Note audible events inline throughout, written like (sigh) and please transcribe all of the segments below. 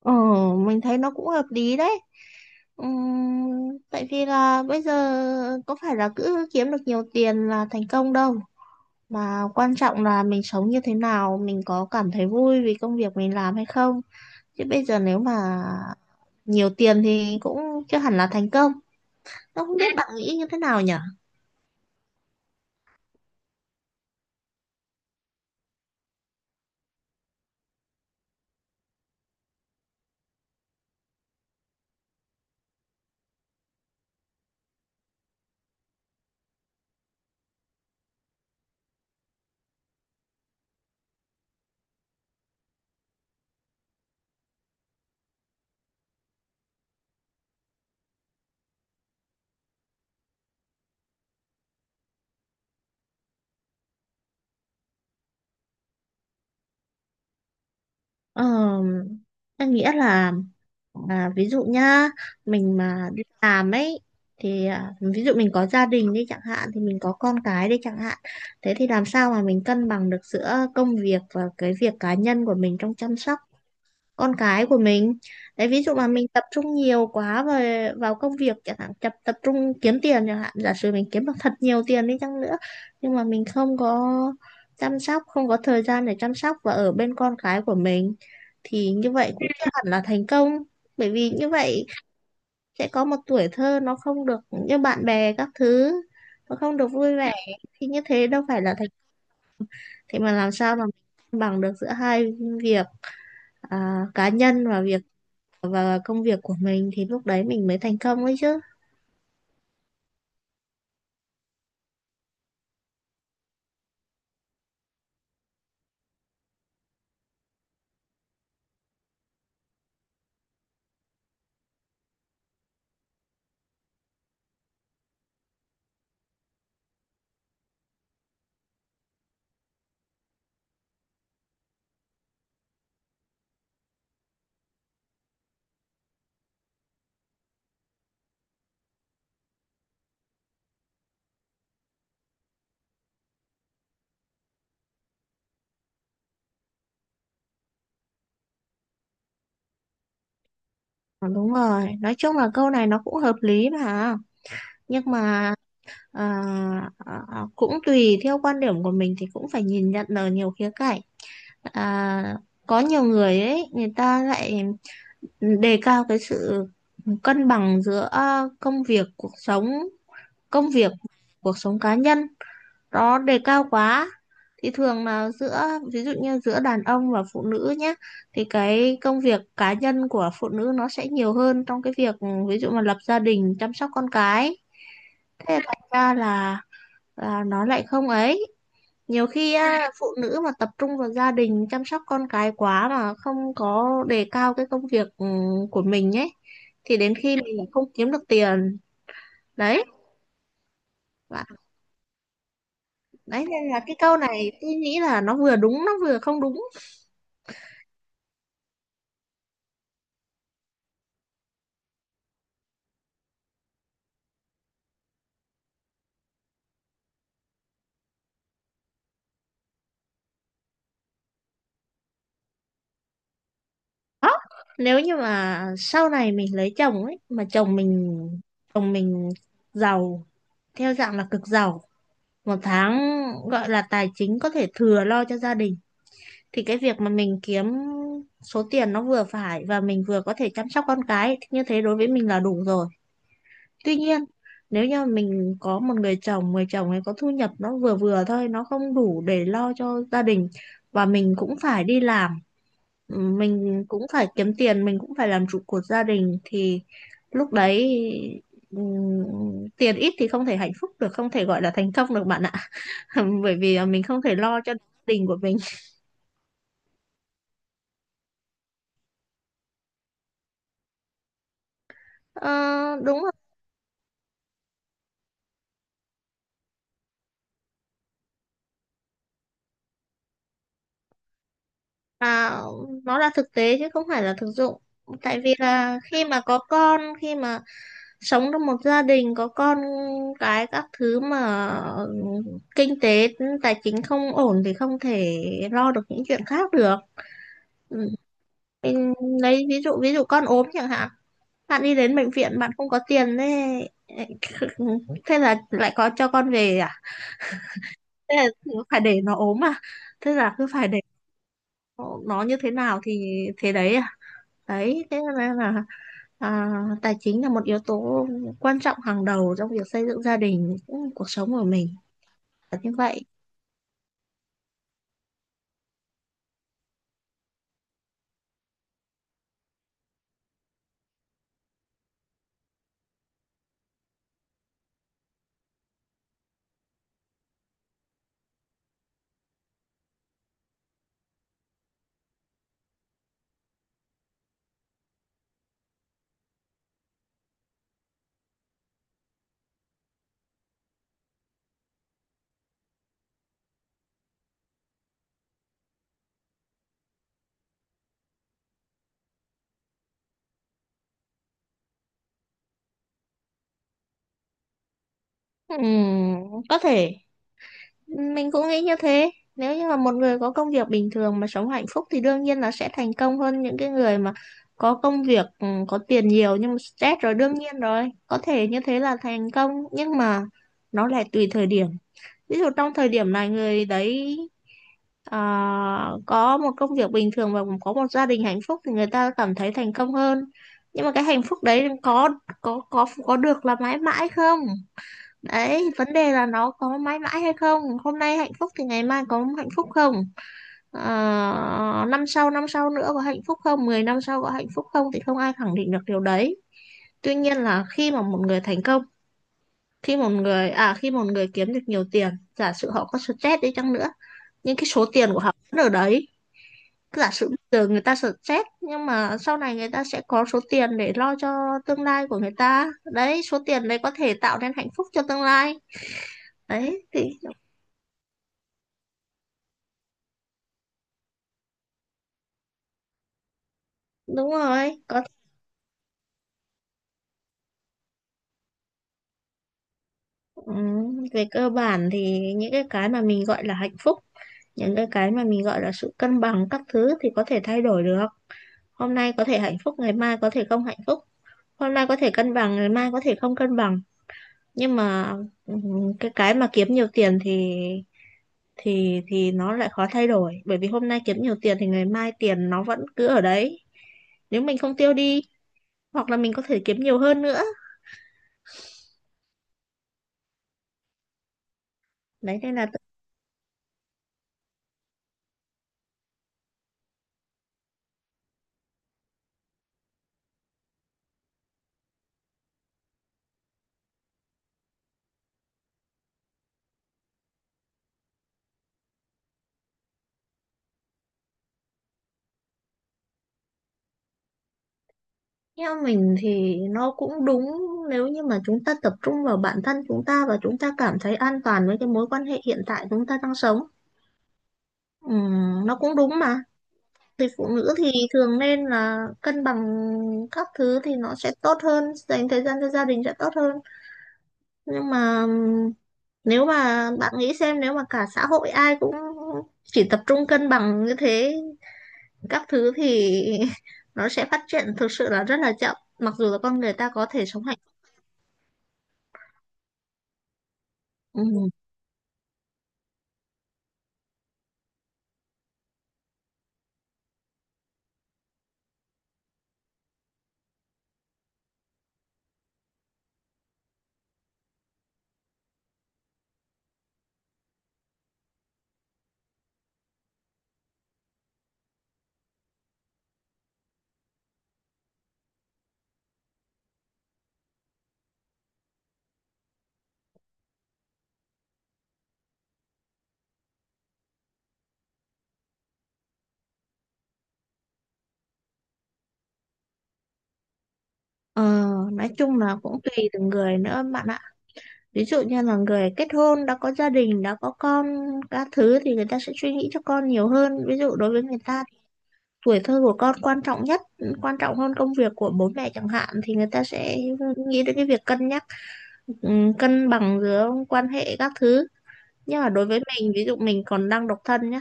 Ờ, mình thấy nó cũng hợp lý đấy. Tại vì là bây giờ có phải là cứ kiếm được nhiều tiền là thành công đâu. Mà quan trọng là mình sống như thế nào, mình có cảm thấy vui vì công việc mình làm hay không. Chứ bây giờ nếu mà nhiều tiền thì cũng chưa hẳn là thành công. Nó không biết bạn nghĩ như thế nào nhỉ? Ờ, em nghĩ là ví dụ nhá, mình mà đi làm ấy thì ví dụ mình có gia đình đi chẳng hạn thì mình có con cái đi chẳng hạn. Thế thì làm sao mà mình cân bằng được giữa công việc và cái việc cá nhân của mình trong chăm sóc con cái của mình. Đấy ví dụ mà mình tập trung nhiều quá về vào công việc chẳng hạn, tập tập trung kiếm tiền chẳng hạn, giả sử mình kiếm được thật nhiều tiền đi chăng nữa nhưng mà mình không có chăm sóc, không có thời gian để chăm sóc và ở bên con cái của mình thì như vậy cũng chưa hẳn là thành công, bởi vì như vậy sẽ có một tuổi thơ nó không được như bạn bè các thứ, nó không được vui vẻ thì như thế đâu phải là thành, thế mà làm sao mà mình cân bằng được giữa hai việc, cá nhân và việc và công việc của mình thì lúc đấy mình mới thành công ấy chứ. Ờ, đúng rồi, nói chung là câu này nó cũng hợp lý mà, nhưng mà à, cũng tùy theo quan điểm của mình thì cũng phải nhìn nhận ở nhiều khía cạnh. à, có nhiều người ấy người ta lại đề cao cái sự cân bằng giữa công việc cuộc sống, công việc cuộc sống cá nhân, nó đề cao quá thì thường là giữa, ví dụ như giữa đàn ông và phụ nữ nhé, thì cái công việc cá nhân của phụ nữ nó sẽ nhiều hơn trong cái việc ví dụ mà lập gia đình chăm sóc con cái. Thế thành ra là nó lại không ấy, nhiều khi á, phụ nữ mà tập trung vào gia đình chăm sóc con cái quá mà không có đề cao cái công việc của mình ấy, thì đến khi mình lại không kiếm được tiền đấy. Và đấy nên là cái câu này tôi nghĩ là nó vừa đúng nó vừa không đúng. Đó, nếu như mà sau này mình lấy chồng ấy mà chồng mình giàu, theo dạng là cực giàu, một tháng gọi là tài chính có thể thừa lo cho gia đình, thì cái việc mà mình kiếm số tiền nó vừa phải và mình vừa có thể chăm sóc con cái thì như thế đối với mình là đủ rồi. Tuy nhiên, nếu như mình có một người chồng ấy có thu nhập nó vừa vừa thôi, nó không đủ để lo cho gia đình và mình cũng phải đi làm, mình cũng phải kiếm tiền, mình cũng phải làm trụ cột gia đình thì lúc đấy ừm, tiền ít thì không thể hạnh phúc được, không thể gọi là thành công được bạn ạ. (laughs) Bởi vì mình không thể lo cho gia đình của mình. Ờ, đúng, à, nó là thực tế chứ không phải là thực dụng, tại vì là khi mà có con, khi mà sống trong một gia đình có con cái các thứ mà kinh tế tài chính không ổn thì không thể lo được những chuyện khác được. Ừ. Mình lấy ví dụ, ví dụ con ốm chẳng hạn, bạn đi đến bệnh viện bạn không có tiền thế (laughs) thế là lại có cho con về à, thế là phải để nó ốm à, thế là cứ phải để nó như thế nào thì thế đấy à. Đấy, thế nên là à, tài chính là một yếu tố quan trọng hàng đầu trong việc xây dựng gia đình, cũng cuộc sống của mình là như vậy. Ừm, có thể mình cũng nghĩ như thế. Nếu như mà một người có công việc bình thường mà sống hạnh phúc thì đương nhiên là sẽ thành công hơn những cái người mà có công việc có tiền nhiều nhưng mà stress rồi, đương nhiên rồi. Có thể như thế là thành công nhưng mà nó lại tùy thời điểm. Ví dụ trong thời điểm này người đấy Ờ, có một công việc bình thường và có một gia đình hạnh phúc thì người ta cảm thấy thành công hơn, nhưng mà cái hạnh phúc đấy có có được là mãi mãi không, đấy vấn đề là nó có mãi mãi hay không, hôm nay hạnh phúc thì ngày mai có hạnh phúc không, Ờ, năm sau nữa có hạnh phúc không, 10 năm sau có hạnh phúc không thì không ai khẳng định được điều đấy. Tuy nhiên là khi mà một người thành công, khi một người khi một người kiếm được nhiều tiền, giả sử họ có stress đi chăng nữa nhưng cái số tiền của họ vẫn ở đấy, giả sử giờ người ta stress nhưng mà sau này người ta sẽ có số tiền để lo cho tương lai của người ta, đấy số tiền đấy có thể tạo nên hạnh phúc cho tương lai, đấy thì đúng rồi, có ừ, về cơ bản thì những cái mà mình gọi là hạnh phúc, những cái mà mình gọi là sự cân bằng các thứ thì có thể thay đổi được, hôm nay có thể hạnh phúc ngày mai có thể không hạnh phúc, hôm nay có thể cân bằng ngày mai có thể không cân bằng, nhưng mà ừ, cái mà kiếm nhiều tiền thì thì nó lại khó thay đổi, bởi vì hôm nay kiếm nhiều tiền thì ngày mai tiền nó vẫn cứ ở đấy nếu mình không tiêu đi, hoặc là mình có thể kiếm nhiều hơn nữa. Đấy nên là theo mình thì nó cũng đúng, nếu như mà chúng ta tập trung vào bản thân chúng ta và chúng ta cảm thấy an toàn với cái mối quan hệ hiện tại chúng ta đang sống. Nó cũng đúng mà, thì phụ nữ thì thường nên là cân bằng các thứ thì nó sẽ tốt hơn, dành thời gian cho gia đình sẽ tốt hơn, nhưng mà nếu mà bạn nghĩ xem nếu mà cả xã hội ai cũng chỉ tập trung cân bằng như thế các thứ thì (laughs) nó sẽ phát triển thực sự là rất là chậm, mặc dù là con người ta có thể sống hạnh phúc. Ừ. ờ, nói chung là cũng tùy từng người nữa bạn ạ, ví dụ như là người kết hôn đã có gia đình đã có con các thứ thì người ta sẽ suy nghĩ cho con nhiều hơn, ví dụ đối với người ta thì tuổi thơ của con quan trọng nhất, quan trọng hơn công việc của bố mẹ chẳng hạn, thì người ta sẽ nghĩ đến cái việc cân nhắc ừ, cân bằng giữa quan hệ các thứ. Nhưng mà đối với mình, ví dụ mình còn đang độc thân nhá,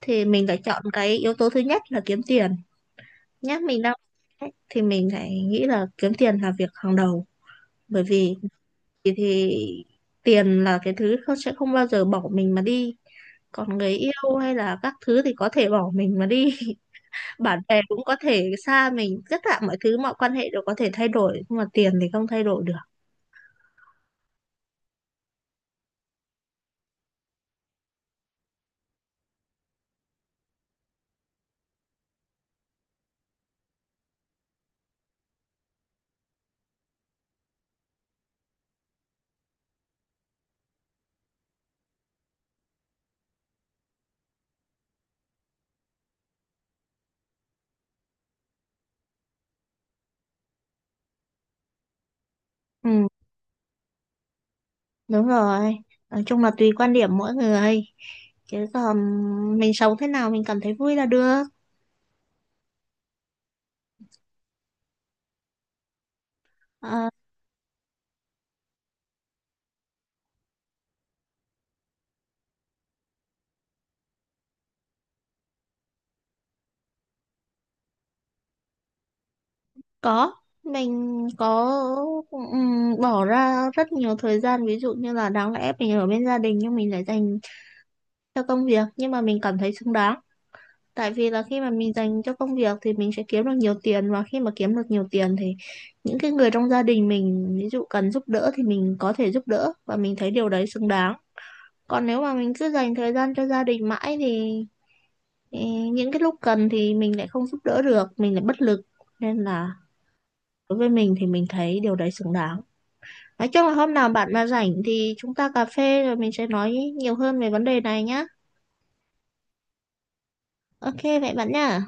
thì mình phải chọn cái yếu tố thứ nhất là kiếm tiền nhá, mình đang ấy, thì mình phải nghĩ là kiếm tiền là việc hàng đầu, bởi vì thì tiền là cái thứ không sẽ không bao giờ bỏ mình mà đi, còn người yêu hay là các thứ thì có thể bỏ mình mà đi (laughs) bạn bè cũng có thể xa mình, tất cả mọi thứ mọi quan hệ đều có thể thay đổi nhưng mà tiền thì không thay đổi được. Ừ, đúng rồi, nói chung là tùy quan điểm mỗi người, chứ còn mình sống thế nào mình cảm thấy vui là được. Ờ, có, mình có bỏ ra rất nhiều thời gian ví dụ như là đáng lẽ mình ở bên gia đình nhưng mình lại dành cho công việc, nhưng mà mình cảm thấy xứng đáng, tại vì là khi mà mình dành cho công việc thì mình sẽ kiếm được nhiều tiền, và khi mà kiếm được nhiều tiền thì những cái người trong gia đình mình ví dụ cần giúp đỡ thì mình có thể giúp đỡ và mình thấy điều đấy xứng đáng. Còn nếu mà mình cứ dành thời gian cho gia đình mãi thì Ê, những cái lúc cần thì mình lại không giúp đỡ được, mình lại bất lực, nên là đối với mình thì mình thấy điều đấy xứng đáng. Nói chung là hôm nào bạn mà rảnh thì chúng ta cà phê rồi mình sẽ nói nhiều hơn về vấn đề này nhá. Ok vậy bạn nhá.